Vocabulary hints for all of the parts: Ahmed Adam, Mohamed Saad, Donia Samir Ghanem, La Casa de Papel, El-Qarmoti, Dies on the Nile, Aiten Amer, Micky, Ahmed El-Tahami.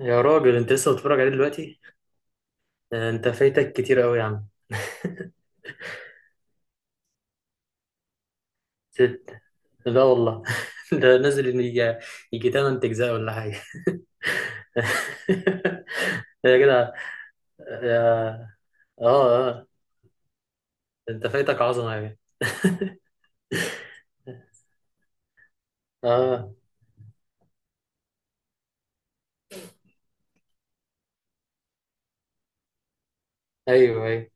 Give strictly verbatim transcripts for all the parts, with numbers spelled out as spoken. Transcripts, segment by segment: يا راجل انت لسه بتتفرج عليه دلوقتي؟ آه، انت فايتك كتير قوي يا عم. ست؟ لا والله. ده نازل ان يجي يجي تمن اجزاء ولا حاجه. يا جدع. يا اه اه، انت فايتك عظمه يا جدع. اه، ايوه ايوه.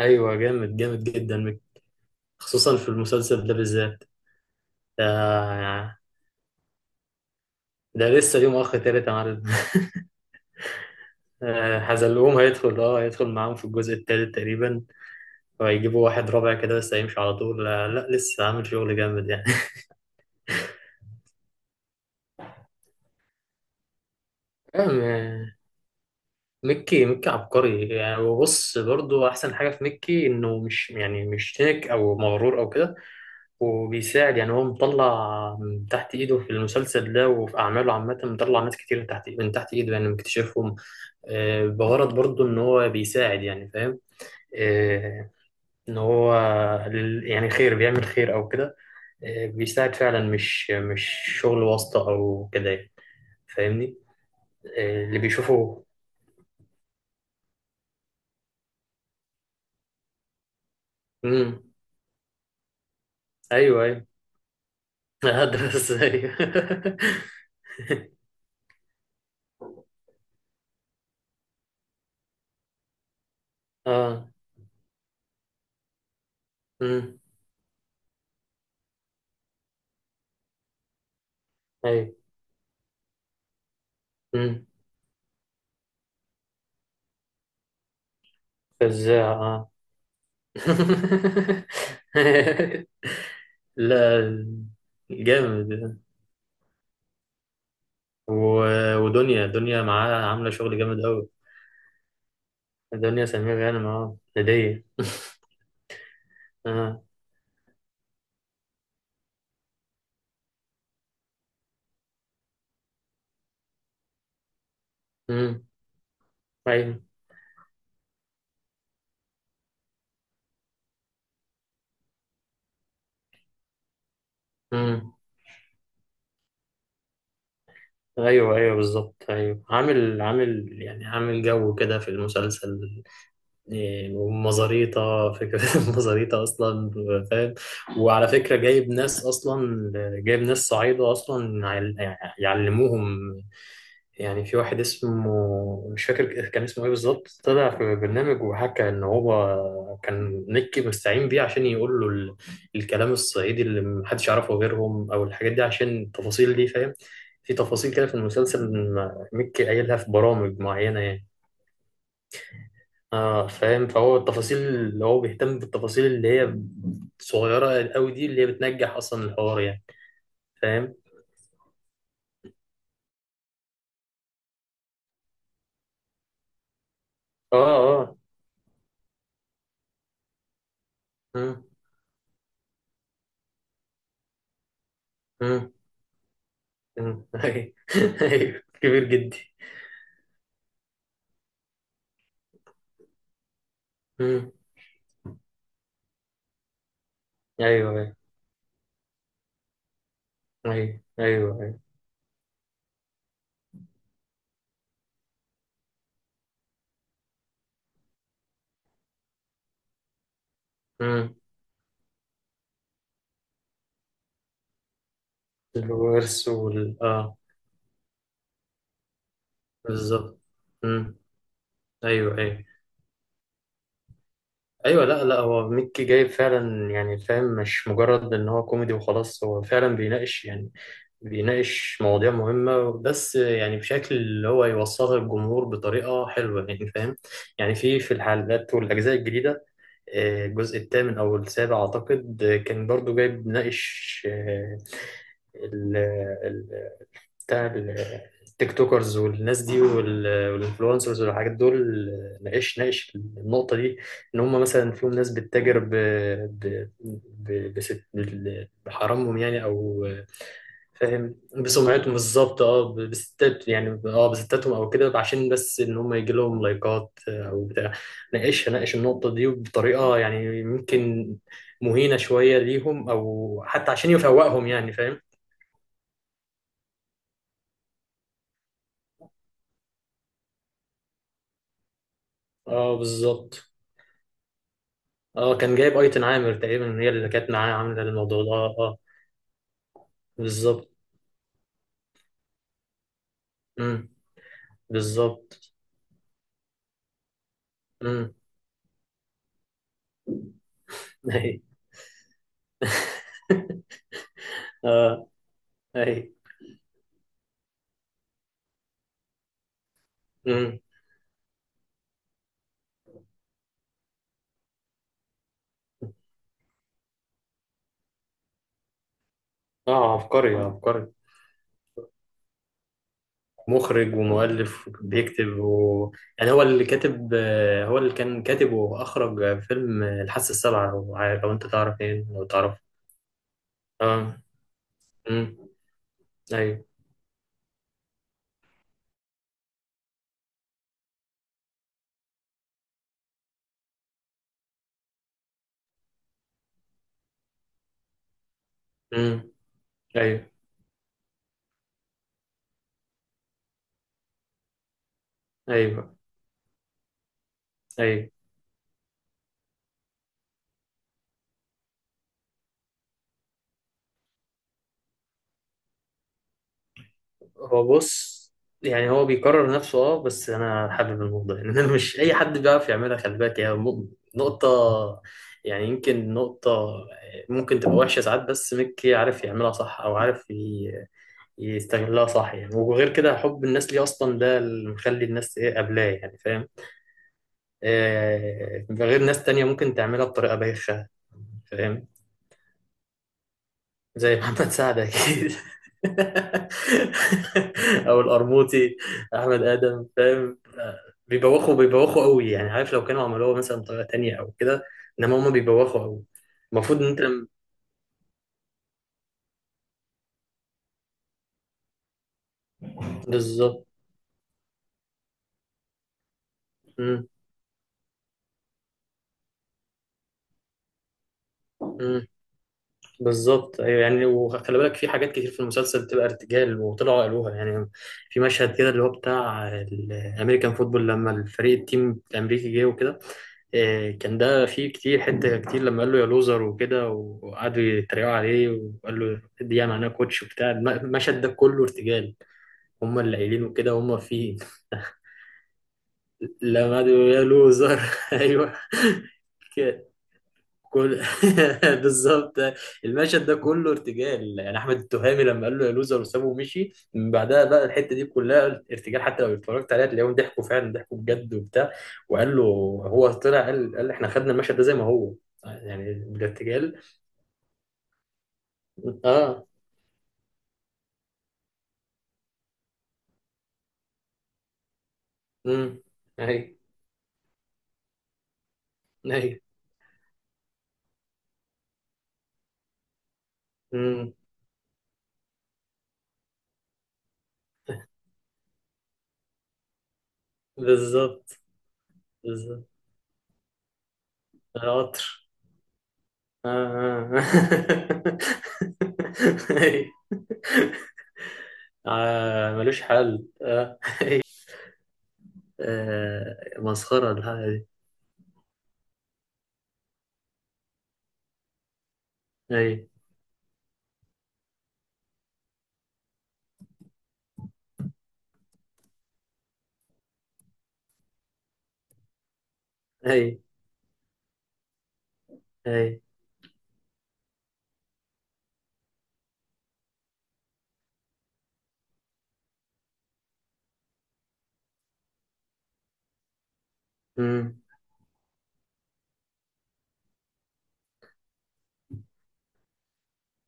ايوه جامد جامد جدا، خصوصا في المسلسل ده بالذات. آه، ده لسه ليه مؤخ تالت يا معلم. آه، حزلقوم هيدخل، اه هيدخل معاهم في الجزء التالت تقريبا، فيجيبوا واحد رابع كده لسه هيمشي على طول. لا, لا لسه عامل شغل جامد يعني. أم- ميكي ميكي عبقري يعني، وبص برضو أحسن حاجة في ميكي إنه مش يعني مش تنك أو مغرور أو كده. وبيساعد يعني، هو مطلع من تحت إيده في المسلسل ده، وفي أعماله عامة مطلع ناس كتير من تحت من تحت إيده يعني، مكتشفهم. آه، بغرض برضو إن هو بيساعد، يعني فاهم. آه، ان هو لل- يعني خير، بيعمل خير او كده. آه، بيساعد فعلا، مش مش شغل واسطة او كده يعني، فاهمني. آه، اللي بيشوفه. امم. ايوه ايوه. هدرس، ايوه. اه. امم. ايوه. امم. فزاع اه. لا، جامد. و- ودنيا دنيا معاها عاملة شغل جامد قوي. دنيا سمير غانم، اه هدية. اه. امم. ايوه. امم. ايوه ايوه بالظبط. ايوه عامل عامل يعني عامل جو كده في المسلسل. إيه، ومزاريطة فكرة، مزاريطة أصلا، فاهم. وعلى فكرة جايب ناس أصلا، جايب ناس صعيدة أصلا يعل- يعلموهم. يعني في واحد اسمه مش فاكر كان اسمه إيه بالظبط، طلع في برنامج وحكى إن هو كان مكي مستعين بيه عشان يقول له ال- الكلام الصعيدي اللي محدش يعرفه غيرهم، أو الحاجات دي عشان التفاصيل دي، فاهم. في تفاصيل كده في المسلسل، مكي قايلها في برامج معينة يعني. اه فاهم، فهو التفاصيل اللي هو بيهتم بالتفاصيل اللي هي صغيرة قوي دي، اللي هي بتنجح اصلا الحوار يعني، فاهم. اه اه. مم، مم، مم. ايوه. أيوة. كبير جدي. مم. ايوه ايوه. ايوه ايوه. أيوة. مم. الورث وال اه. بالظبط. مم. ايوه ايوه. ايوه لا لا هو ميكي جايب فعلا يعني فاهم، مش مجرد ان هو كوميدي وخلاص، هو فعلا بيناقش يعني، بيناقش مواضيع مهمة، بس يعني بشكل اللي هو يوصلها للجمهور بطريقة حلوة. يعني فاهم، يعني في في الحلقات والأجزاء الجديدة، آه، الجزء الثامن أو السابع أعتقد، آه، كان برضو جايب ناقش بتاع ال- التيك توكرز والناس دي، وال- والانفلونسرز والحاجات دول. ناقش ناقش النقطة دي، إن هم مثلا فيهم ناس بتتاجر ب ب ب- بست بال- بحرامهم يعني، أو فاهم بسمعتهم بالظبط، أه ب- بستات يعني، أه بستاتهم أو كده، عشان بس إن هم يجي لهم لايكات أو بتاع. ناقشها ناقش النقطة دي بطريقة يعني ممكن مهينة شوية ليهم، أو حتى عشان يفوقهم يعني فاهم. أه بالظبط. اه كان جايب ايتن عامر تقريبا هي اللي كانت معاه عامله الموضوع ده. اه اه بالظبط. امم. بالظبط. امم. اي. اي. امم. اه عبقري عبقري. مخرج ومؤلف بيكتب و... يعني هو اللي كاتب، آه، هو اللي كان كاتب واخرج فيلم الحاسه السابعه، لو عارف- لو انت تعرف، ايه لو تعرف. اه. امم. ايوه. امم. ايوه ايوه. ايوه هو بص، يعني هو بيكرر نفسه اه، بس انا حابب الموضوع يعني. انا مش اي حد بيعرف يعملها، خلي بالك هي م- نقطة، يعني يمكن نقطة ممكن تبقى وحشة ساعات، بس ميكي عارف يعملها صح، او عارف ي- يستغلها صح يعني. وغير كده حب الناس ليه اصلا، ده اللي مخلي الناس ايه قبلاه يعني فاهم. آه غير ناس تانية ممكن تعملها بطريقة بايخة، فاهم. زي محمد سعد اكيد. او القرموطي. احمد ادم فاهم، بيبوخوا بيبوخوا قوي يعني، عارف لو كانوا عملوها مثلا بطريقه تانية او كده، انما هما بيبوخوا قوي. المفروض ان انت لما- بالظبط. مم. مم. بالظبط. ايوه يعني، وخلي بالك في حاجات كتير في المسلسل بتبقى ارتجال وطلعوا قالوها يعني. في مشهد كده اللي هو بتاع الامريكان فوتبول، لما الفريق التيم الامريكي جه وكده، آه، كان ده فيه كتير حته كتير، لما قال له يا لوزر وكده وقعدوا يتريقوا عليه، وقال له دي يعني معناها كوتش وبتاع، الم- المشهد ده كله ارتجال. هم اللي قايلينه كده، هم فيه لما قعدوا يقولوا يا لوزر. ايوه. كل بالظبط، المشهد ده كله ارتجال يعني، احمد التهامي لما قال له يا لوزر وسابه ومشي، من بعدها بقى الحته دي كلها ارتجال، حتى لو اتفرجت عليها تلاقيهم ضحكوا فعلا، ضحكوا بجد وبتاع. وقال له، هو طلع قال قال احنا خدنا المشهد ده زي ما هو، يعني بالارتجال. اه. امم. ايوه ايوه. امم. بالظبط بالظبط. القطر. اه اه. أيوة. آه، ملوش حل آه. آه مسخرة الحاجة دي. أي. أي. أي. مم.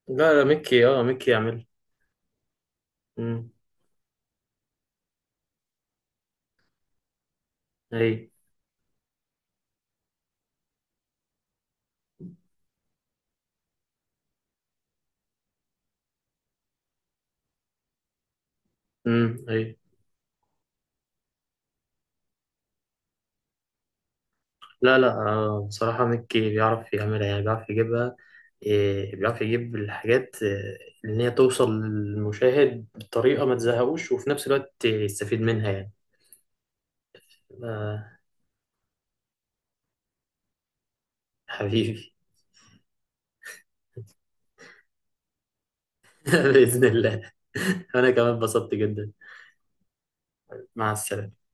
لا لا ميكي اه ميكي يعمل. مم. أي. مم. أي. لا لا آه بصراحة ميكي بيعرف يعملها يعني، بيعرف يجيبها، إيه بيعرف يجيب الحاجات، آه، إن هي توصل للمشاهد بطريقة ما تزهقوش، وفي نفس الوقت يستفيد منها يعني. آه حبيبي. بإذن الله. أنا كمان اتبسطت جدا. مع السلامة.